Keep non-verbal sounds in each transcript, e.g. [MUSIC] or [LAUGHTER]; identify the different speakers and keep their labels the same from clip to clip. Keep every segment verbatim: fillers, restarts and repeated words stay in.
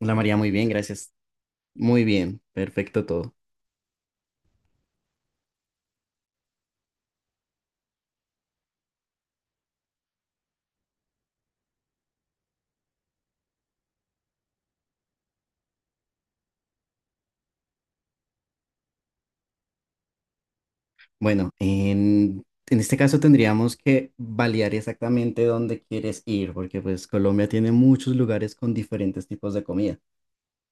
Speaker 1: Hola María, muy bien, gracias. Muy bien, perfecto todo. Bueno, en, en este caso tendríamos que validar exactamente dónde quieres ir, porque pues Colombia tiene muchos lugares con diferentes tipos de comida.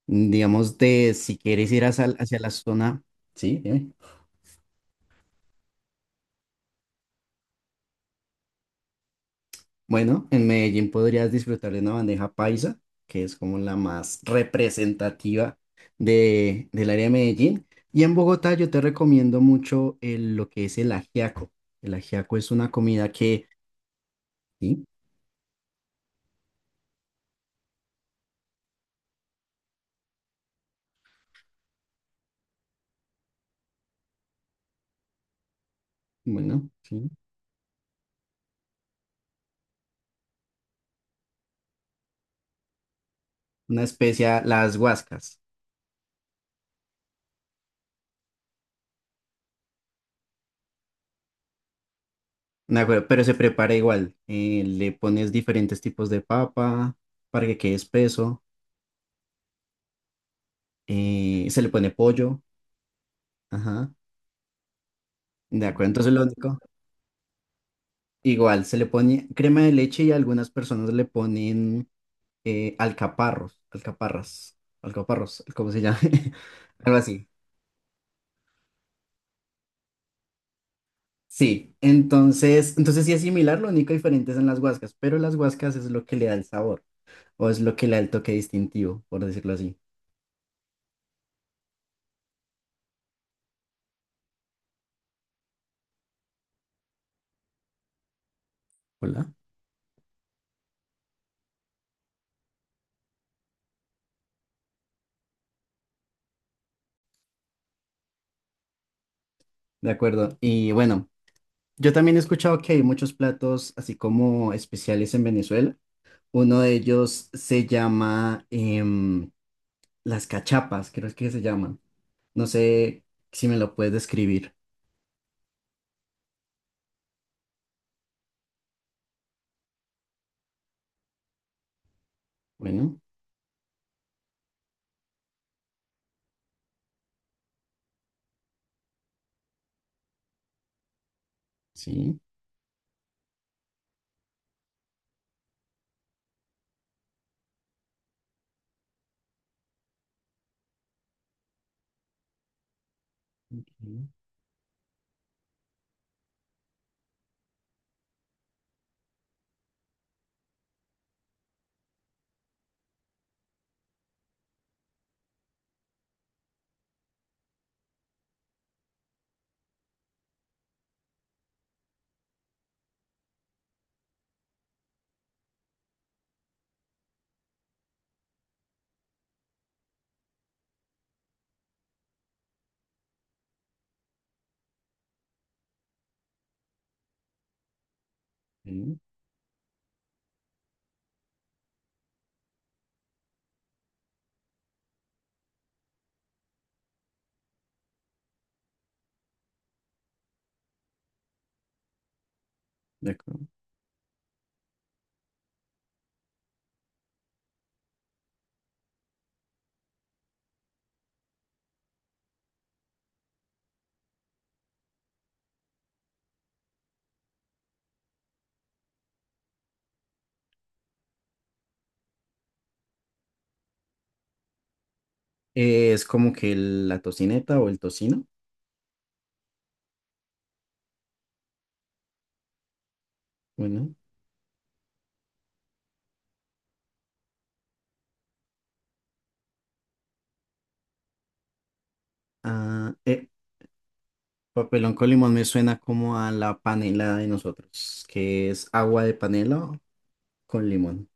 Speaker 1: Digamos de si quieres ir hacia, hacia la zona, sí, dime. Bueno, en Medellín podrías disfrutar de una bandeja paisa, que es como la más representativa de, del área de Medellín. Y en Bogotá yo te recomiendo mucho el- lo que es el ajiaco. El ajiaco es una comida que, sí, bueno, sí, una especia, las guascas, de acuerdo, pero se prepara igual. Eh, le pones diferentes tipos de papa para que quede espeso. Eh, se le pone pollo, ajá, de acuerdo. Entonces lo único... Igual, se le pone crema de leche y algunas personas le ponen eh, alcaparros, alcaparras, alcaparros, ¿cómo se llama? [LAUGHS] Algo así. Sí, entonces, entonces sí es similar, lo único diferente es en las guascas, pero las guascas es lo que le da el sabor, o es lo que le da el toque distintivo, por decirlo así. Hola. De acuerdo. Y bueno, yo también he escuchado que hay muchos platos así como especiales en Venezuela. Uno de ellos se llama em, las cachapas, creo que se llaman. No sé si me lo puedes describir. Bueno, sí. Ok, ok, de acuerdo. Eh, es como que el- la tocineta o el tocino. Bueno, ah, eh, papelón con limón me suena como a la panela de nosotros, que es agua de panela con limón.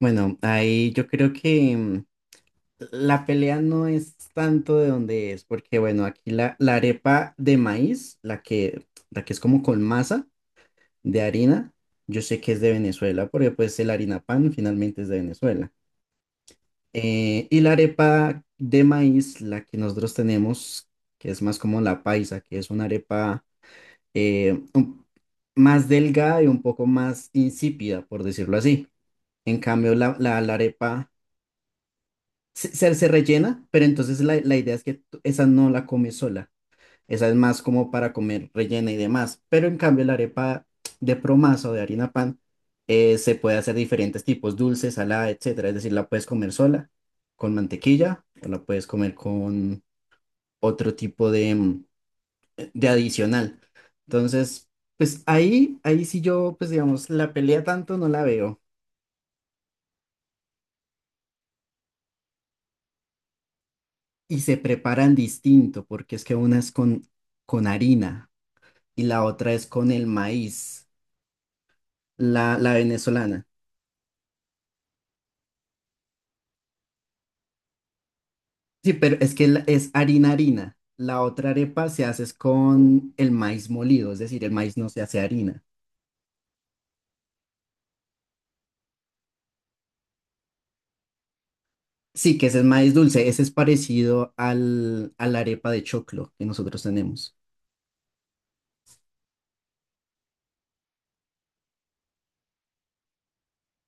Speaker 1: Bueno, ahí yo creo que mm, la pelea no es tanto de donde es, porque bueno, aquí la, la arepa de maíz, la que, la que es como con masa de harina, yo sé que es de Venezuela, porque pues el harina pan finalmente es de Venezuela. Eh, y la arepa de maíz, la que nosotros tenemos, que es más como la paisa, que es una arepa eh, un- más delgada y un poco más insípida, por decirlo así. En cambio, la, la- la arepa se, se- se rellena, pero entonces la, la idea es que tú- esa no la comes sola. Esa es más como para comer rellena y demás. Pero en cambio, la arepa de promasa o de harina pan eh, se puede hacer diferentes tipos, dulce, salada, etcétera. Es decir, la puedes comer sola, con mantequilla, o la puedes comer con otro tipo de, mm, de adicional. Entonces, pues ahí, ahí sí yo, pues digamos, la pelea tanto no la veo. Y se preparan distinto, porque es que una es con, con harina y la otra es con el maíz, la, la venezolana. Sí, pero es que la- es harina harina. La otra arepa se hace es con el maíz molido, es decir, el maíz no se hace harina. Sí, que ese es maíz dulce, ese es parecido al, a la arepa de choclo que nosotros tenemos.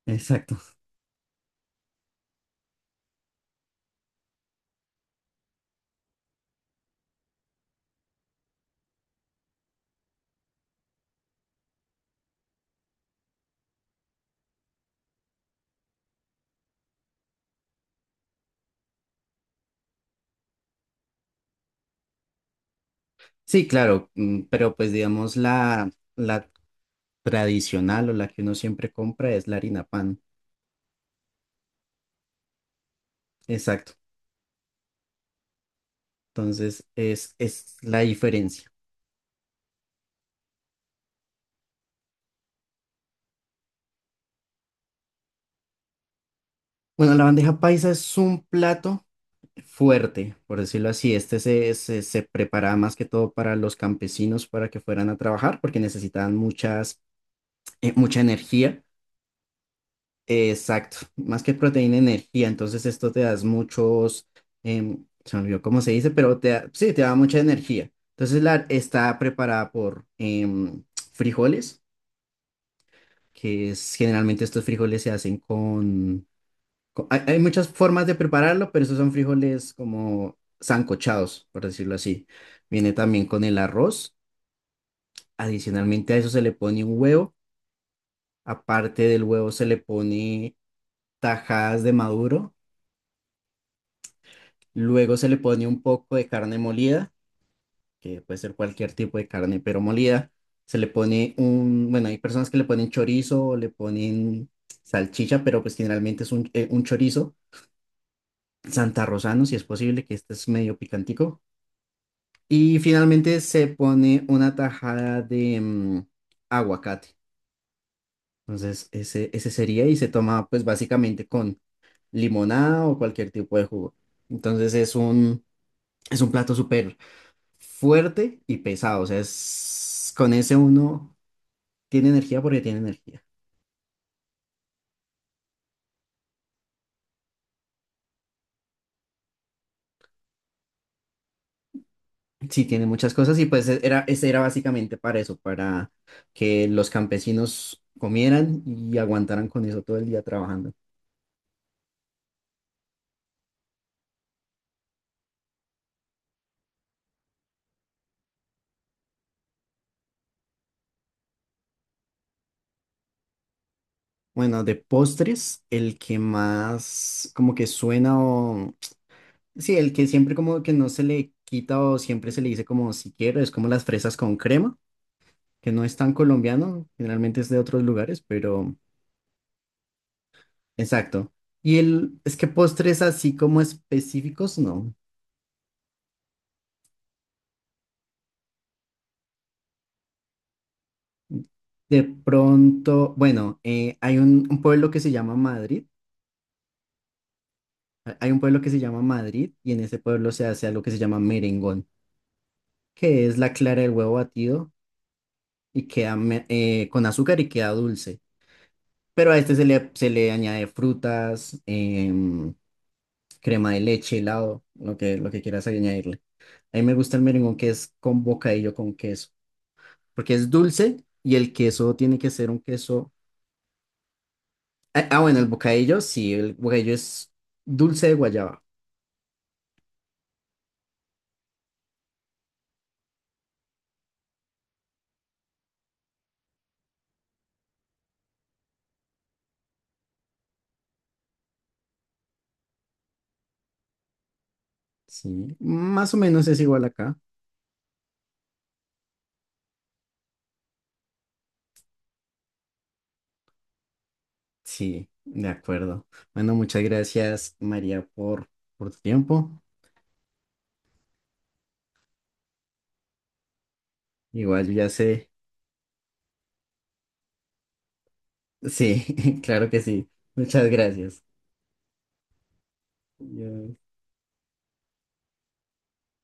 Speaker 1: Exacto. Sí, claro, mm, pero pues digamos la, la tradicional o la que uno siempre compra es la harina pan. Exacto. Entonces es, es la diferencia. Bueno, la bandeja paisa es un plato fuerte, por decirlo así. Este se, se, se preparaba más que todo para los campesinos para que fueran a trabajar porque necesitaban muchas, eh, mucha energía. Eh, exacto, más que proteína, energía. Entonces esto te da muchos, em, se me olvidó cómo se dice, pero te da- sí, te da mucha energía. Entonces la, está preparada por em, frijoles, que es, generalmente estos frijoles se hacen con co- hay, hay muchas formas de prepararlo, pero esos son frijoles como sancochados, por decirlo así. Viene también con el arroz. Adicionalmente a eso se le pone un huevo. Aparte del huevo se le pone tajadas de maduro. Luego se le pone un poco de carne molida, que puede ser cualquier tipo de carne, pero molida. Se le pone un, bueno, hay personas que le ponen chorizo o le ponen salchicha, pero pues generalmente es un, eh, un chorizo santarrosano, si es posible, que este es medio picantico. Y finalmente se pone una tajada de mm, aguacate. Entonces, ese, ese sería y se toma pues básicamente con limonada o cualquier tipo de jugo. Entonces es un, es un plato súper fuerte y pesado. O sea, es, con ese uno tiene energía porque tiene energía. Sí, tiene muchas cosas y pues e-, era, ese era básicamente para eso, para que los campesinos comieran y aguantaran con eso todo el día trabajando. Bueno, de postres, el que más como que suena o... Sí, el que siempre como que no se le quita o siempre se le dice como si quiero, es como las fresas con crema, que no es tan colombiano, generalmente es de otros lugares, pero exacto. Y el, es que postres así como específicos, no. De pronto, bueno, eh, hay un, un pueblo que se llama Madrid, ha- hay un pueblo que se llama Madrid y en ese pueblo se hace algo que se llama merengón, que es la clara del huevo batido y queda me- eh, con azúcar y queda dulce. Pero a este se le, se le añade frutas, em, crema de leche, helado, lo que, lo que quieras añadirle. A mí me gusta el merengón que es con bocadillo con queso, porque es dulce y el queso tiene que ser un queso. Ah, ah, bueno, el bocadillo, sí, el bocadillo es dulce de guayaba. Sí, más o menos es igual acá. Sí, de acuerdo. Bueno, muchas gracias, María, por, por tu tiempo. Igual yo ya sé. Sí, [LAUGHS] claro que sí. Muchas gracias. Ya.